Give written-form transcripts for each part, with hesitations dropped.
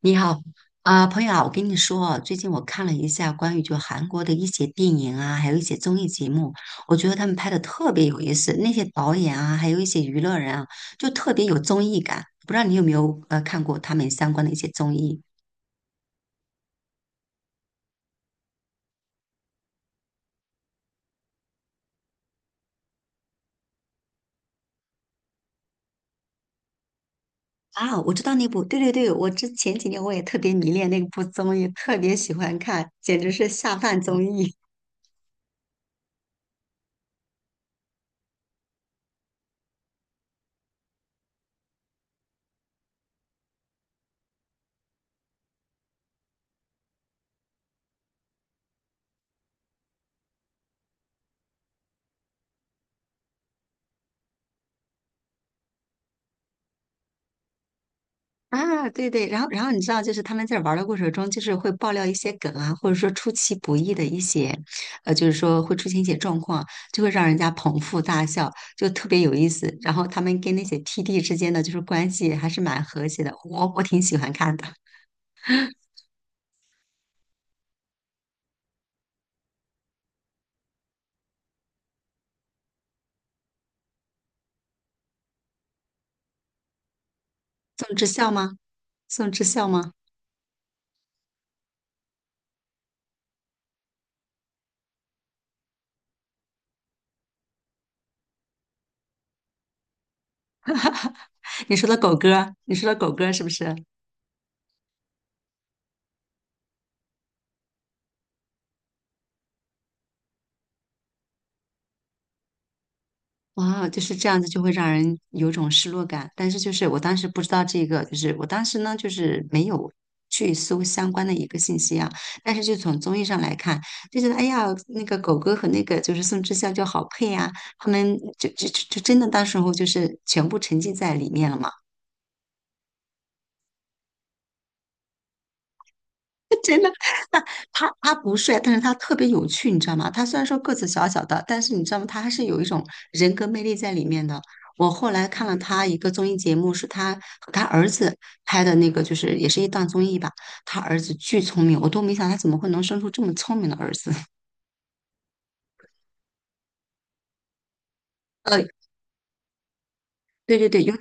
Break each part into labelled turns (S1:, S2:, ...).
S1: 你好，朋友啊，我跟你说啊，最近我看了一下关于就韩国的一些电影啊，还有一些综艺节目，我觉得他们拍的特别有意思，那些导演啊，还有一些娱乐人啊，就特别有综艺感。不知道你有没有看过他们相关的一些综艺啊？我知道那部，对对对，我之前几年我也特别迷恋那部综艺，特别喜欢看，简直是下饭综艺。啊，对对，然后你知道，就是他们在玩的过程中，就是会爆料一些梗啊，或者说出其不意的一些，就是说会出现一些状况，就会让人家捧腹大笑，就特别有意思。然后他们跟那些 TD 之间的就是关系还是蛮和谐的，我挺喜欢看的。宋智孝吗？宋智孝吗？你说的狗哥，你说的狗哥是不是？哇，就是这样子，就会让人有种失落感。但是就是我当时不知道这个，就是我当时呢，就是没有去搜相关的一个信息啊。但是就从综艺上来看，就觉得哎呀，那个狗哥和那个就是宋智孝就好配啊，他们就真的到时候就是全部沉浸在里面了嘛。他不帅，但是他特别有趣，你知道吗？他虽然说个子小小的，但是你知道吗？他还是有一种人格魅力在里面的。我后来看了他一个综艺节目，是他和他儿子拍的那个，就是也是一档综艺吧。他儿子巨聪明，我都没想他怎么会能生出这么聪明的儿子。呃，对对对，有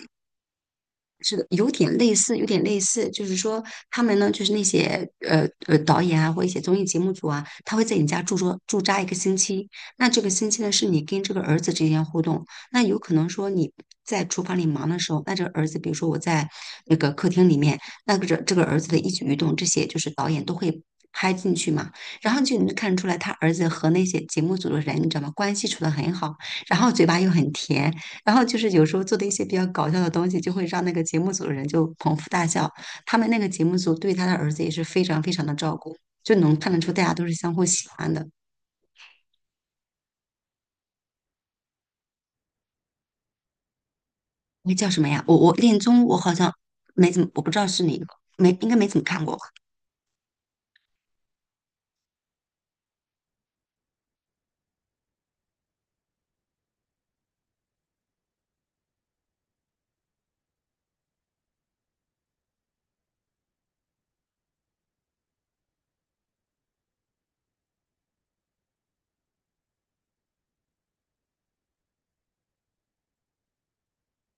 S1: 是的，有点类似，有点类似，就是说他们呢，就是那些导演啊，或一些综艺节目组啊，他会在你家驻扎一个星期。那这个星期呢，是你跟这个儿子之间互动。那有可能说你在厨房里忙的时候，那这个儿子，比如说我在那个客厅里面，那个这个儿子的一举一动，这些就是导演都会拍进去嘛。然后就能看出来，他儿子和那些节目组的人，你知道吗？关系处得很好，然后嘴巴又很甜。然后就是有时候做的一些比较搞笑的东西，就会让那个节目组的人就捧腹大笑。他们那个节目组对他的儿子也是非常非常的照顾，就能看得出大家都是相互喜欢的。那叫什么呀？我恋综我好像没怎么，我不知道是哪个，没应该没怎么看过吧？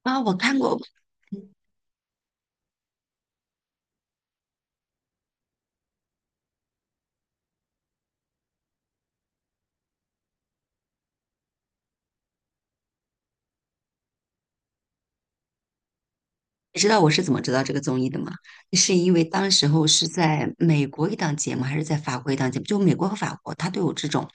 S1: 啊，我看过，你知道我是怎么知道这个综艺的吗？是因为当时候是在美国一档节目，还是在法国一档节目？就美国和法国，它都有这种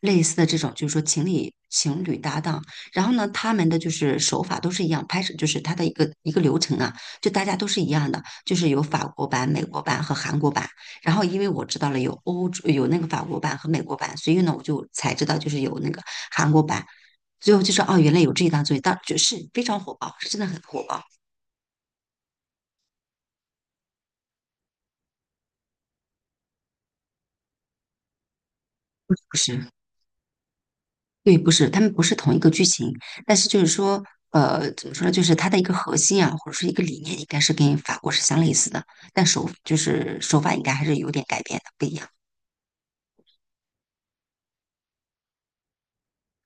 S1: 类似的这种，就是说情侣搭档。然后呢，他们的就是手法都是一样，拍摄就是它的一个流程啊，就大家都是一样的，就是有法国版、美国版和韩国版。然后因为我知道了有欧洲有那个法国版和美国版，所以呢，我就才知道就是有那个韩国版。最后就说哦，原来有这一档综艺，当就是非常火爆，是真的很火爆，不是。对，不是，他们不是同一个剧情，但是就是说，怎么说呢？就是它的一个核心啊，或者说一个理念，应该是跟法国是相类似的，但手就是手法应该还是有点改变的，不一样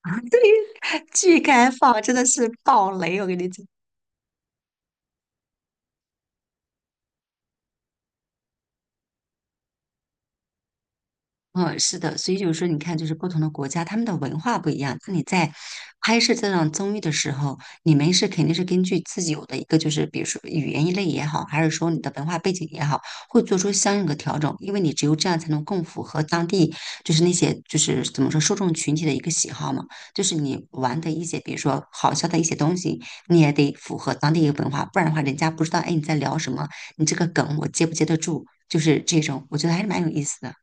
S1: 啊。对呀，巨开放，真的是爆雷！我跟你讲。嗯，是的，所以就是说，你看，就是不同的国家，他们的文化不一样。那你在拍摄这档综艺的时候，你们是肯定是根据自己有的一个，就是比如说语言一类也好，还是说你的文化背景也好，会做出相应的调整，因为你只有这样才能更符合当地就是那些就是怎么说受众群体的一个喜好嘛。就是你玩的一些，比如说好笑的一些东西，你也得符合当地一个文化，不然的话，人家不知道哎你在聊什么，你这个梗我接不接得住，就是这种，我觉得还是蛮有意思的。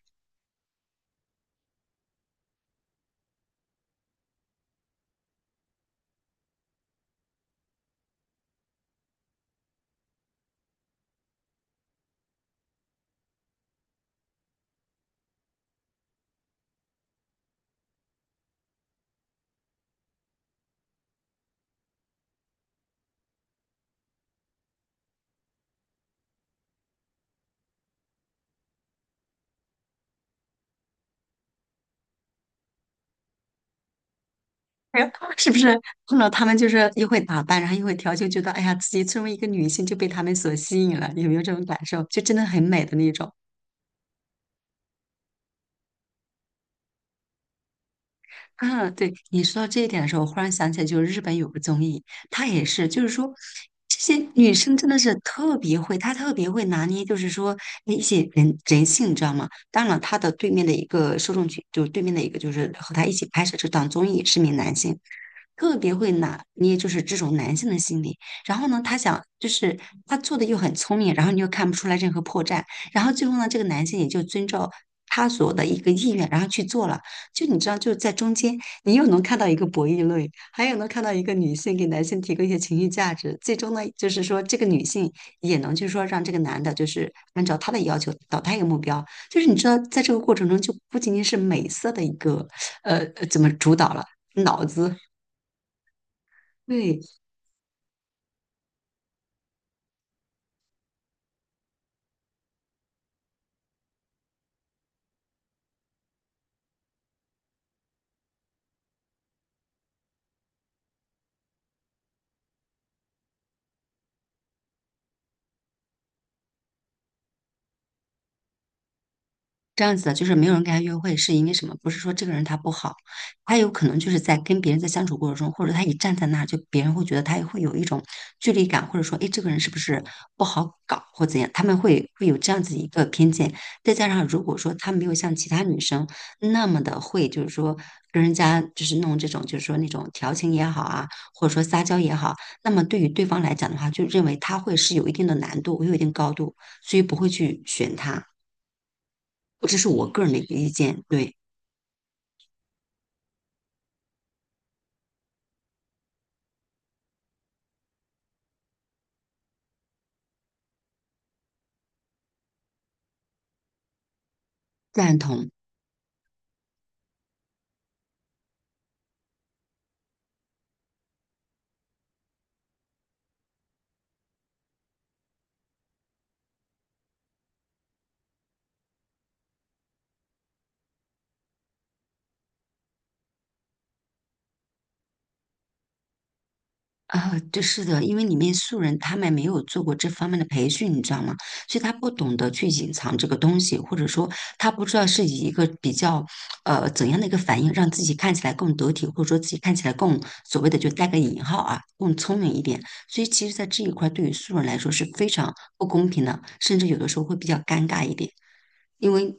S1: 哎呀，是不是碰到他们就是又会打扮，然后又会调酒，觉得哎呀，自己作为一个女性就被他们所吸引了，有没有这种感受？就真的很美的那种。嗯，对，你说到这一点的时候，我忽然想起来，就是日本有个综艺，它也是，就是说这些女生真的是特别会，她特别会拿捏，就是说一些性，你知道吗？当然了，她的对面的一个受众群，就是对面的一个，就是和她一起拍摄这档综艺是名男性。特别会拿捏，就是这种男性的心理。然后呢，他想就是他做的又很聪明，然后你又看不出来任何破绽。然后最后呢，这个男性也就遵照他所的一个意愿，然后去做了。就你知道，就是在中间，你又能看到一个博弈论，还有能看到一个女性给男性提供一些情绪价值。最终呢，就是说这个女性也能就是说让这个男的，就是按照他的要求导到一个目标。就是你知道，在这个过程中，就不仅仅是美色的一个怎么主导了，脑子对，这样子的，就是没有人跟他约会，是因为什么？不是说这个人他不好，他有可能就是在跟别人在相处过程中，或者他一站在那儿，就别人会觉得他会有一种距离感，或者说，哎，这个人是不是不好搞或怎样？他们会有这样子一个偏见。再加上如果说他没有像其他女生那么的会，就是说跟人家就是弄这种，就是说那种调情也好啊，或者说撒娇也好，那么对于对方来讲的话，就认为他会是有一定的难度，有一定高度，所以不会去选他。这是我个人的一个意见，对，赞同啊，对，是的，因为里面素人他们没有做过这方面的培训，你知道吗？所以他不懂得去隐藏这个东西，或者说他不知道是以一个比较怎样的一个反应，让自己看起来更得体，或者说自己看起来更所谓的就带个引号啊，更聪明一点。所以其实，在这一块对于素人来说是非常不公平的，甚至有的时候会比较尴尬一点。因为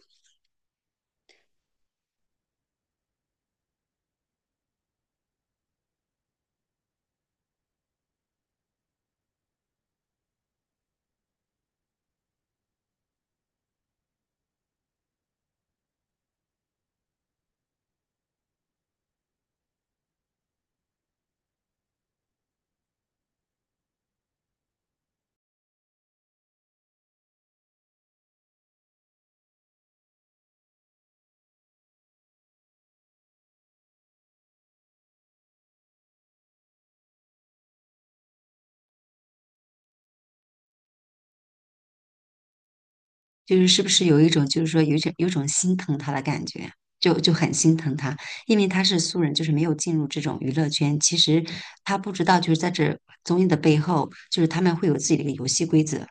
S1: 就是是不是有一种就是说有一种心疼他的感觉，就很心疼他，因为他是素人，就是没有进入这种娱乐圈，其实他不知道就是在这综艺的背后，就是他们会有自己的一个游戏规则，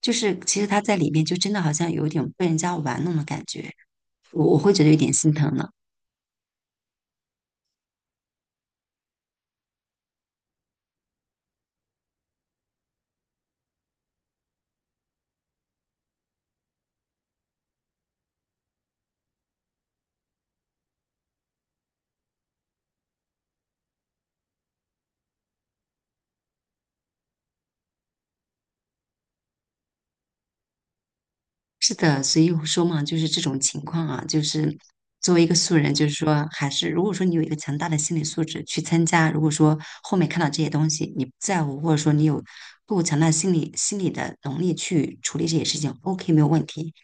S1: 就是其实他在里面就真的好像有一点被人家玩弄的感觉，我会觉得有点心疼呢。是的，所以我说嘛，就是这种情况啊，就是作为一个素人，就是说，还是如果说你有一个强大的心理素质去参加，如果说后面看到这些东西你不在乎，或者说你有够强大的心理的能力去处理这些事情，OK 没有问题。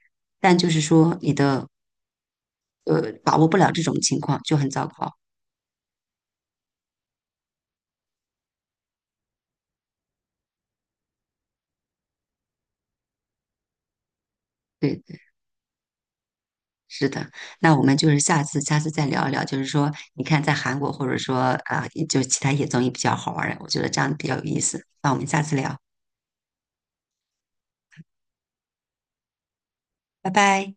S1: 但就是说你的把握不了这种情况就很糟糕。对，是的。那我们就是下次再聊一聊，就是说你看在韩国或者说就其他一些综艺比较好玩儿，我觉得这样比较有意思。那我们下次聊，拜拜。